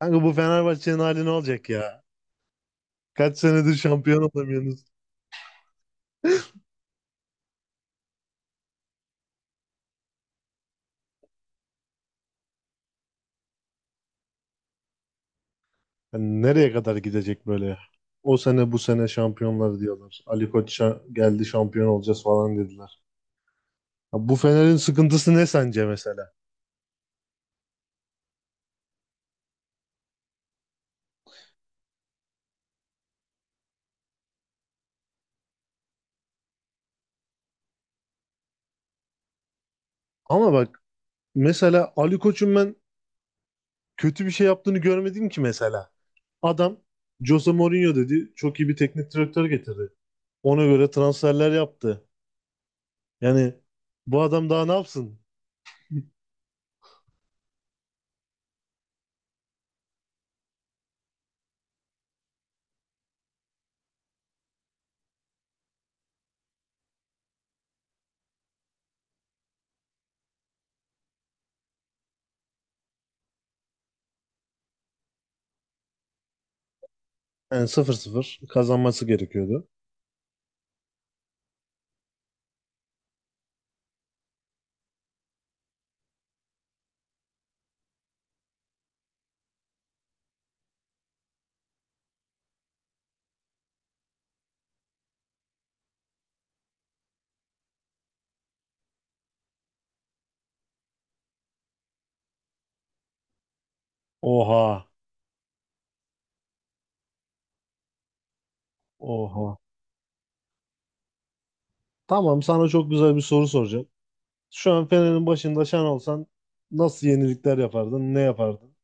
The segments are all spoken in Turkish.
Kanka bu Fenerbahçe'nin hali ne olacak ya? Kaç senedir şampiyon olamıyorsunuz. Hani nereye kadar gidecek böyle? O sene bu sene şampiyonlar diyorlar. Ali Koç geldi, şampiyon olacağız falan dediler. Ya bu Fener'in sıkıntısı ne sence mesela? Ama bak, mesela Ali Koç'un ben kötü bir şey yaptığını görmedim ki mesela. Adam Jose Mourinho dedi. Çok iyi bir teknik direktör getirdi. Ona göre transferler yaptı. Yani bu adam daha ne yapsın? Yani 0-0 kazanması gerekiyordu. Oha. Oha. Tamam, sana çok güzel bir soru soracağım. Şu an Fener'in başında sen olsan nasıl yenilikler yapardın? Ne yapardın?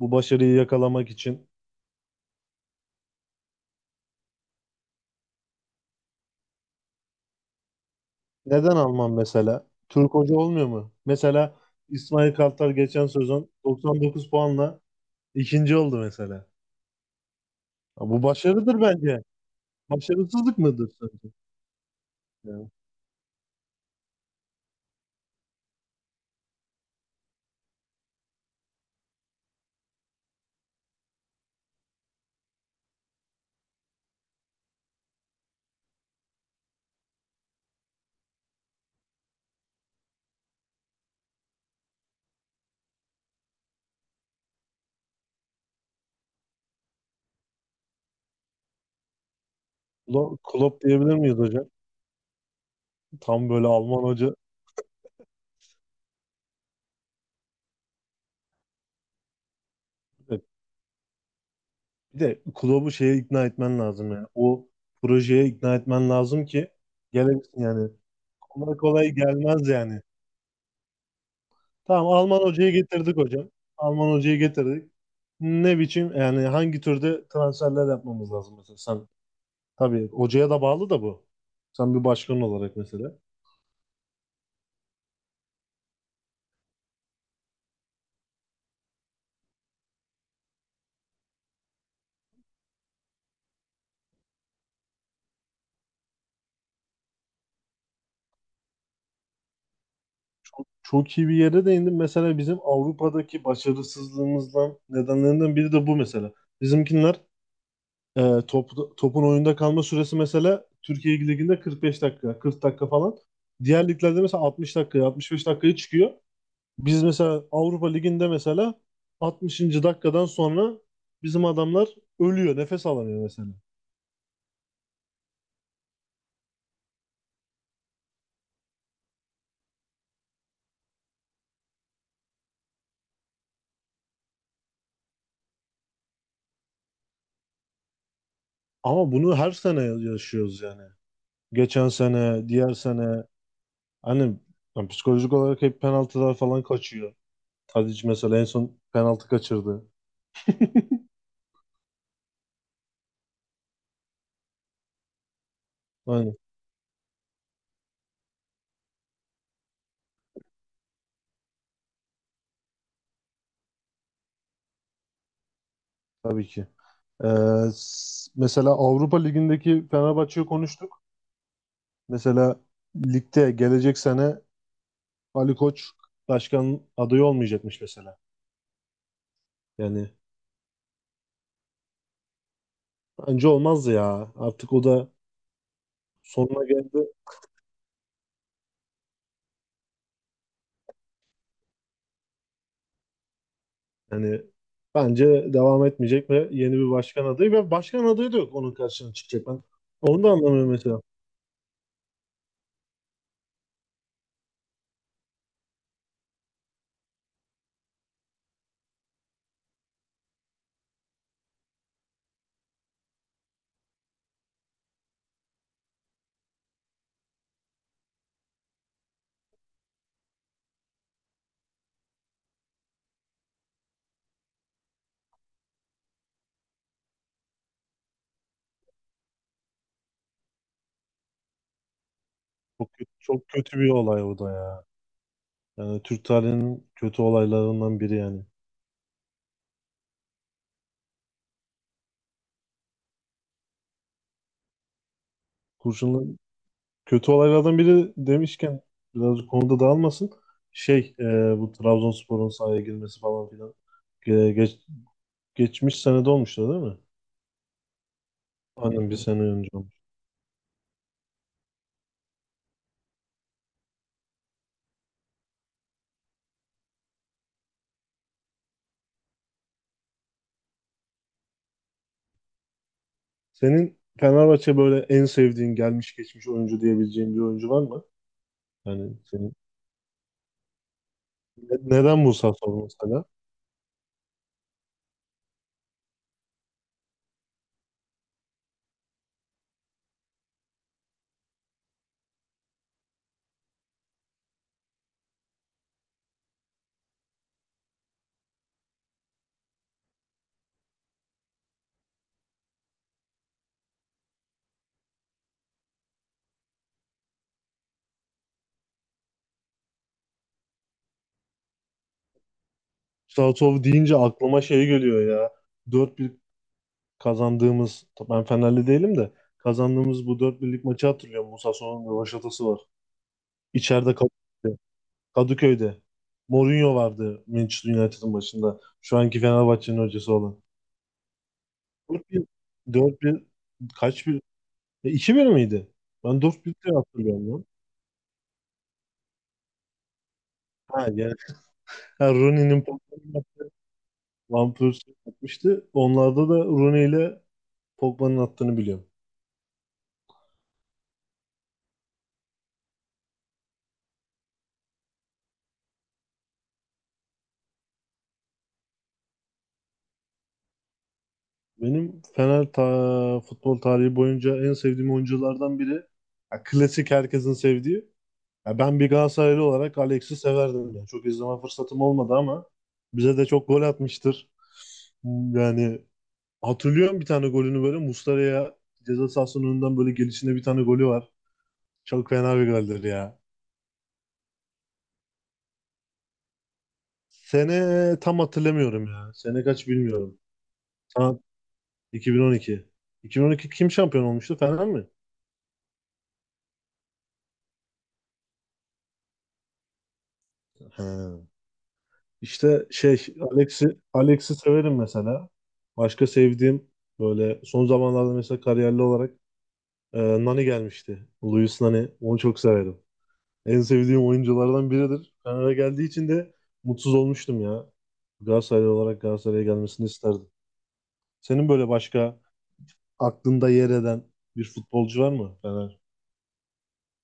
Bu başarıyı yakalamak için. Neden Alman mesela? Türk hoca olmuyor mu? Mesela İsmail Kartal geçen sezon 99 puanla ikinci oldu mesela. Ya bu başarıdır bence. Başarısızlık mıdır sence? Yani Klopp diyebilir miyiz hocam? Tam böyle Alman hoca. e, Bir de Klopp'u şeye ikna etmen lazım yani. O projeye ikna etmen lazım ki gelebilsin yani. Kolay kolay gelmez yani. Tamam, Alman hocayı getirdik hocam. Alman hocayı getirdik. Ne biçim yani, hangi türde transferler yapmamız lazım mesela? Sen tabii hocaya da bağlı da bu. Sen bir başkan olarak mesela. Çok iyi bir yere değindin. Mesela bizim Avrupa'daki başarısızlığımızdan nedenlerinden biri de bu mesela. Bizimkinler Ee, topun oyunda kalma süresi mesela Türkiye Ligi'nde 45 dakika, 40 dakika falan. Diğer liglerde mesela 60 dakika, 65 dakikaya çıkıyor. Biz mesela Avrupa Ligi'nde mesela 60. dakikadan sonra bizim adamlar ölüyor, nefes alamıyor mesela. Ama bunu her sene yaşıyoruz yani. Geçen sene, diğer sene, hani, yani psikolojik olarak hep penaltılar falan kaçıyor. Tadic mesela en son penaltı kaçırdı. Tabii ki. Ee, mesela Avrupa Ligi'ndeki Fenerbahçe'yi konuştuk. Mesela ligde gelecek sene Ali Koç başkan adayı olmayacakmış mesela. Yani bence olmazdı ya. Artık o da sonuna geldi. Yani bence devam etmeyecek ve yeni bir başkan adayı ve başkan adayı da yok onun karşısına çıkacak. Ben onu da anlamıyorum mesela. Çok kötü, çok kötü bir olay o da ya. Yani Türk tarihinin kötü olaylarından biri yani. Kurşunla Kötü olaylardan biri demişken biraz konuda dağılmasın. Şey e, bu Trabzonspor'un sahaya girmesi falan filan. Ge- geç- geçmiş senede olmuştu değil mi? Aynen, bir sene önce olmuş. Senin Fenerbahçe böyle en sevdiğin gelmiş geçmiş oyuncu diyebileceğin bir oyuncu var mı? Yani senin neden Musa Sow mesela? Musa Sow deyince aklıma şey geliyor ya. dört 1 kazandığımız, ben Fenerli değilim de, kazandığımız bu dört birlik maçı hatırlıyorum. Musa Sow'un rövaşatası var. İçeride kalıyor. Kadıköy'de. Mourinho vardı Manchester United'ın başında. Şu anki Fenerbahçe'nin hocası olan. Dört bir, dört bir, kaç bir? 2-1 miydi? Ben Dört 1 diye hatırlıyorum lan. Ha yani, ha, Rooney'nin, Pogba'nın... Van Persie atmıştı. Onlarda da Rooney ile Pogba'nın attığını biliyorum. Benim Fener ta futbol tarihi boyunca en sevdiğim oyunculardan biri. Ha, klasik herkesin sevdiği. Ya ben bir Galatasaraylı olarak Alex'i severdim. Yani çok izleme fırsatım olmadı ama bize de çok gol atmıştır. Yani hatırlıyorum, bir tane golünü böyle Muslera'ya ceza sahasının önünden böyle gelişinde bir tane golü var. Çok fena bir goldür ya. Sene tam hatırlamıyorum ya. Sene kaç bilmiyorum. Ha, 2012. 2012 kim şampiyon olmuştu? Fener mi? Ha. İşte şey, Alex'i, Alex'i severim mesela. Başka sevdiğim böyle son zamanlarda mesela kariyerli olarak Nani gelmişti. Luis Nani. Onu çok severim. En sevdiğim oyunculardan biridir. Fener'e geldiği için de mutsuz olmuştum ya. Galatasaraylı olarak Galatasaray'a gelmesini isterdim. Senin böyle başka aklında yer eden bir futbolcu var mı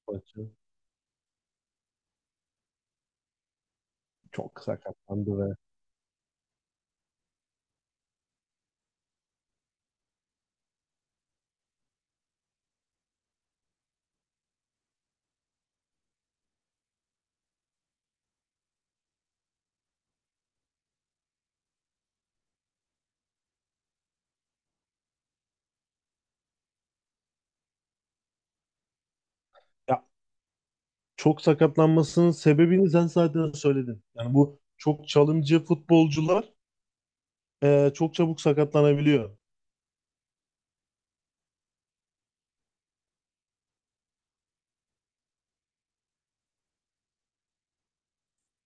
Fenerbahçe? Çok sakatlandı ve ya çok sakatlanmasının sebebini sen zaten söyledin. Yani bu çok çalımcı futbolcular, çok çabuk sakatlanabiliyor.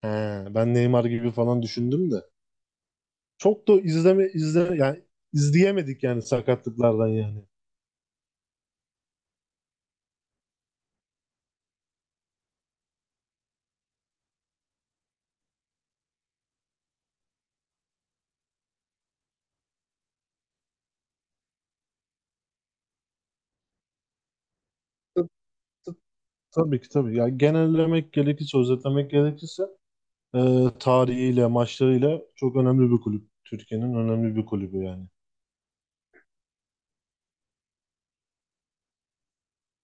He, ben Neymar gibi falan düşündüm de. Çok da izleme izle yani izleyemedik yani sakatlıklardan yani. Tab- tab- Tabii ki tabii. Yani genellemek gerekirse, özetlemek gerekirse, e, tarihiyle, maçlarıyla çok önemli bir kulüp. Türkiye'nin önemli bir kulübü yani.